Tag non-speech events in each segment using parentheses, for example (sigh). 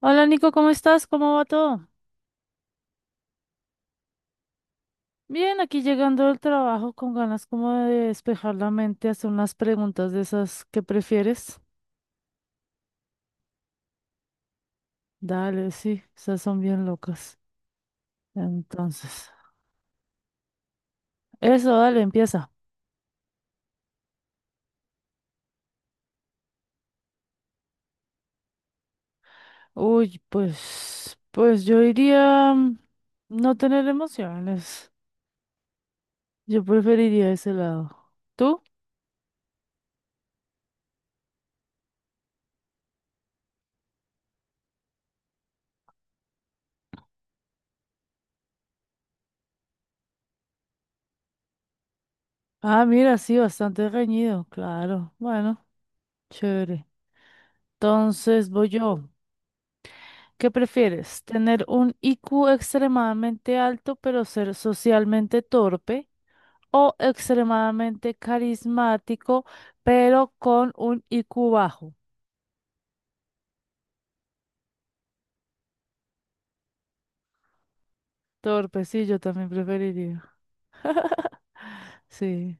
Hola Nico, ¿cómo estás? ¿Cómo va todo? Bien, aquí llegando del trabajo con ganas como de despejar la mente, hacer unas preguntas de esas que prefieres. Dale, sí, esas son bien locas. Entonces, eso, dale, empieza. Uy, pues yo iría no tener emociones. Yo preferiría ese lado. ¿Tú? Ah, mira, sí, bastante reñido, claro. Bueno, chévere. Entonces voy yo. ¿Qué prefieres? ¿Tener un IQ extremadamente alto pero ser socialmente torpe? ¿O extremadamente carismático pero con un IQ bajo? Torpe, sí, yo también preferiría. Sí.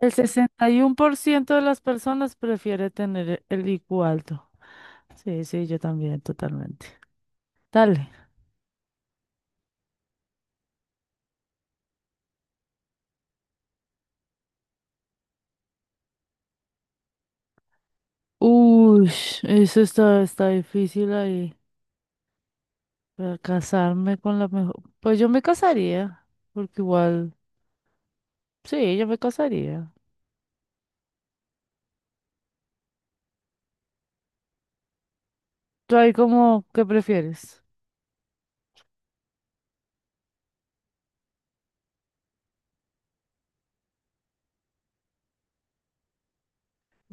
El 61% de las personas prefiere tener el IQ alto. Sí, sí, yo también, totalmente. Dale. Uy, eso está difícil ahí. Para casarme con la mejor. Pues yo me casaría, porque igual. Sí, yo me casaría. ¿Tú ahí como qué prefieres?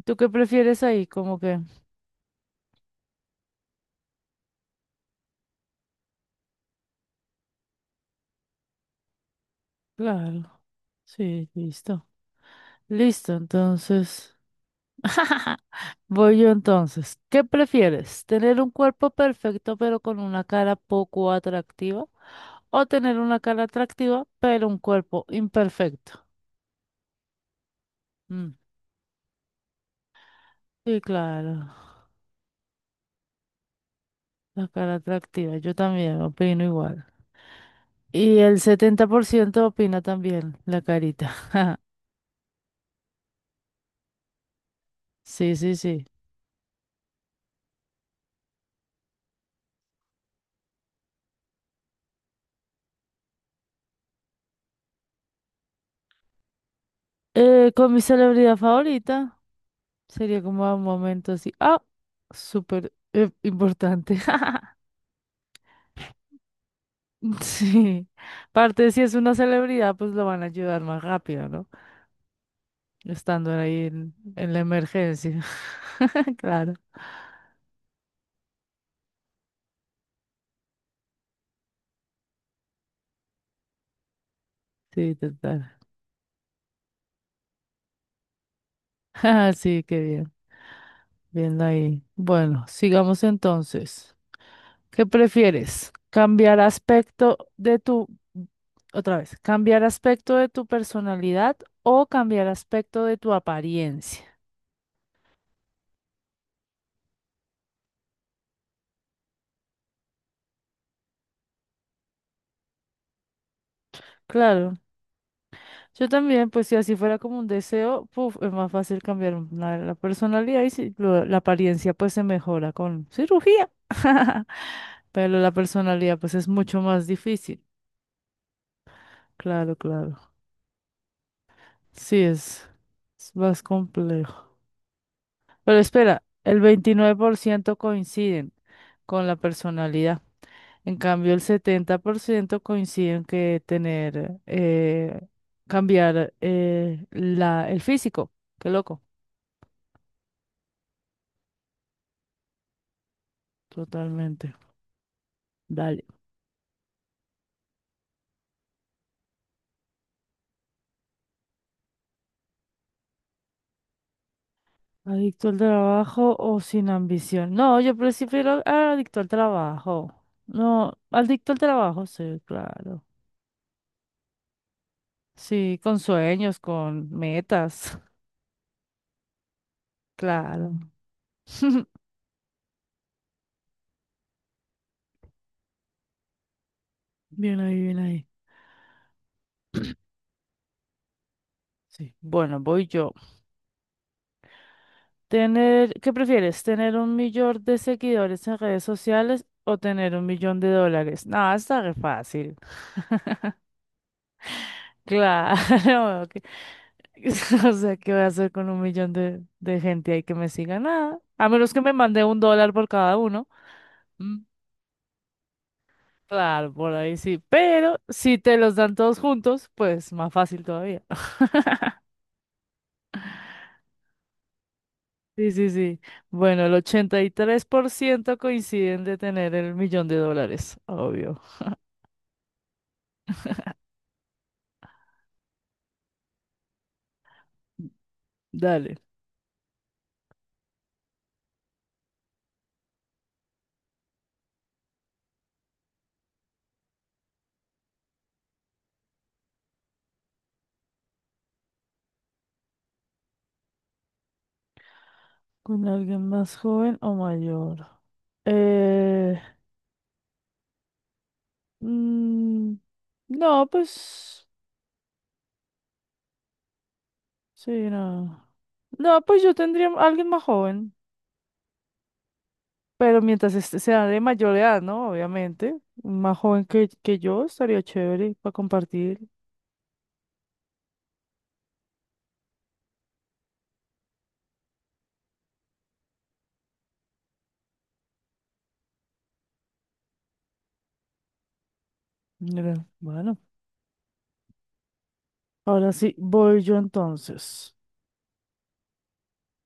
¿Tú qué prefieres ahí? Como que, claro, sí, listo. Listo, entonces. (laughs) Voy yo entonces. ¿Qué prefieres? ¿Tener un cuerpo perfecto pero con una cara poco atractiva? ¿O tener una cara atractiva pero un cuerpo imperfecto? Mm. Sí, claro, la cara atractiva. Yo también opino igual. Y el 70% opina también la carita. (laughs) Sí, sí, sí. Con mi celebridad favorita sería como un momento así, súper importante. (laughs) Sí, aparte si es una celebridad, pues lo van a ayudar más rápido, ¿no? Estando ahí en la emergencia. (laughs) Claro, sí, total. (laughs) Ah, sí, qué bien, viendo ahí. Bueno, sigamos entonces. ¿Qué prefieres? ¿Cambiar aspecto de tu, otra vez, cambiar aspecto de tu personalidad o cambiar aspecto de tu apariencia? Claro, yo también, pues si así fuera como un deseo, puf, es más fácil cambiar la personalidad y si la apariencia pues se mejora con cirugía, (laughs) pero la personalidad pues es mucho más difícil. Claro, claro. Sí, es más complejo. Pero espera, el 29% coinciden con la personalidad. En cambio, el 70% coinciden que tener, cambiar el físico. Qué loco. Totalmente. Dale. ¿Adicto al trabajo o sin ambición? No, yo prefiero adicto al trabajo. No, adicto al trabajo, sí, claro. Sí, con sueños, con metas. (laughs) Claro. (laughs) Bien ahí, bien ahí. Sí. Bueno, voy yo. ¿Qué prefieres? ¿Tener un millón de seguidores en redes sociales o tener un millón de dólares? No, está re fácil. Claro. que- (laughs) O sea, ¿qué voy a hacer con un millón de gente ahí que me siga? Nada. A menos que me mande un dólar por cada uno. Mm. Claro, por ahí sí. Pero si te los dan todos juntos, pues más fácil todavía. (laughs) Sí, sí, sí. Bueno, el 83% coinciden de tener el millón de dólares, obvio. Dale. Con alguien más joven o mayor. Eh, mm, no, pues sí, no. No, pues yo tendría a alguien más joven, pero mientras este sea de mayor edad, ¿no? Obviamente, más joven que yo estaría chévere para compartir. Mira, bueno, ahora sí, voy yo entonces.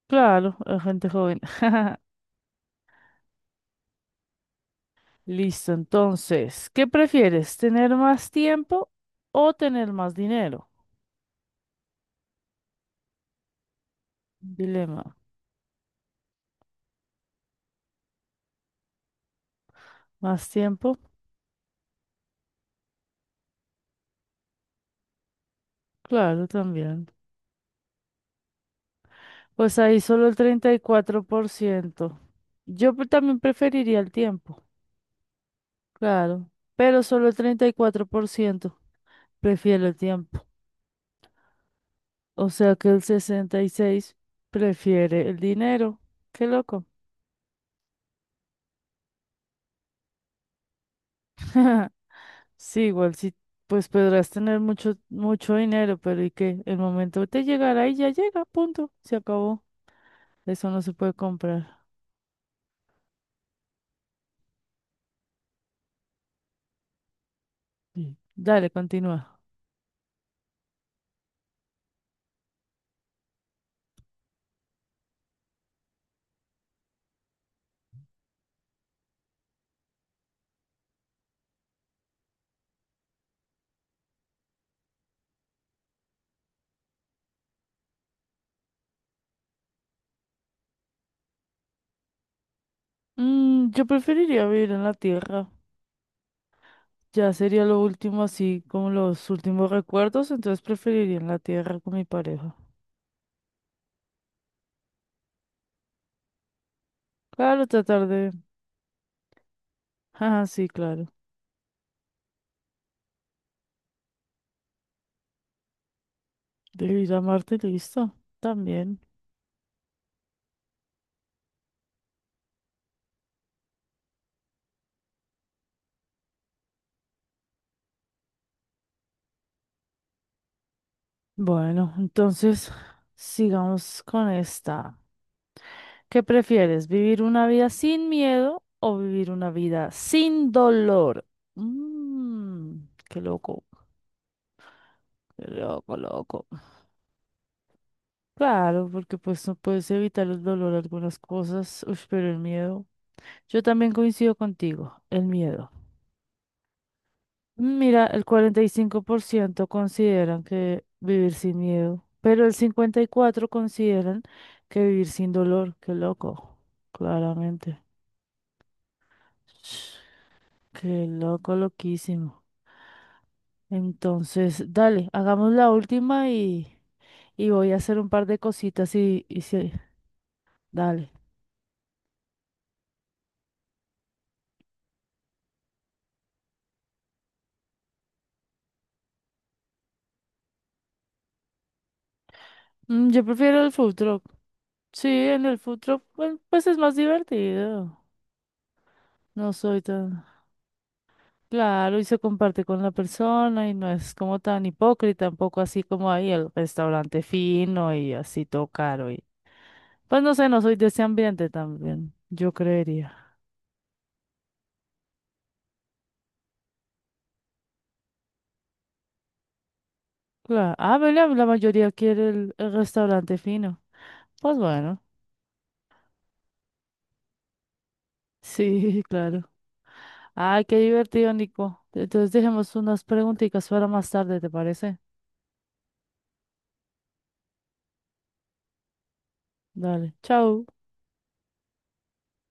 Claro, la gente joven. (laughs) Listo, entonces, ¿qué prefieres? ¿Tener más tiempo o tener más dinero? Dilema. Más tiempo, claro, también. Pues ahí solo el 34%. Yo también preferiría el tiempo, claro, pero solo el 34% prefiere el tiempo. O sea que el 66% prefiere el dinero. Qué loco. (laughs) Sí, igual sí, pues podrás tener mucho, mucho dinero, pero ¿y qué? El momento te llegará y ya llega, punto. Se acabó. Eso no se puede comprar. Sí. Dale, continúa. Yo preferiría vivir en la tierra. Ya sería lo último, así como los últimos recuerdos, entonces preferiría en la tierra con mi pareja. Claro, tratar de. Ah, sí, claro. De ir a Marte, listo. También. Bueno, entonces sigamos con esta. ¿Qué prefieres? ¿Vivir una vida sin miedo o vivir una vida sin dolor? Mmm, Qué loco, qué loco, loco. Claro, porque pues no puedes evitar el dolor algunas cosas, ush, pero el miedo. Yo también coincido contigo, el miedo. Mira, el 45% consideran que vivir sin miedo, pero el 54% consideran que vivir sin dolor. Qué loco, claramente. Sh, qué loco, loquísimo. Entonces, dale, hagamos la última y voy a hacer un par de cositas y sí, dale. Yo prefiero el food truck. Sí, en el food truck, pues es más divertido. No soy tan. Claro, y se comparte con la persona y no es como tan hipócrita, tampoco así como ahí el restaurante fino y así todo caro. Y. Pues no sé, no soy de ese ambiente también, yo creería. Claro. Ah, bueno, la mayoría quiere el restaurante fino. Pues bueno, sí, (laughs) claro. Ay, qué divertido, Nico. Entonces dejemos unas preguntitas para más tarde, ¿te parece? Dale, chao.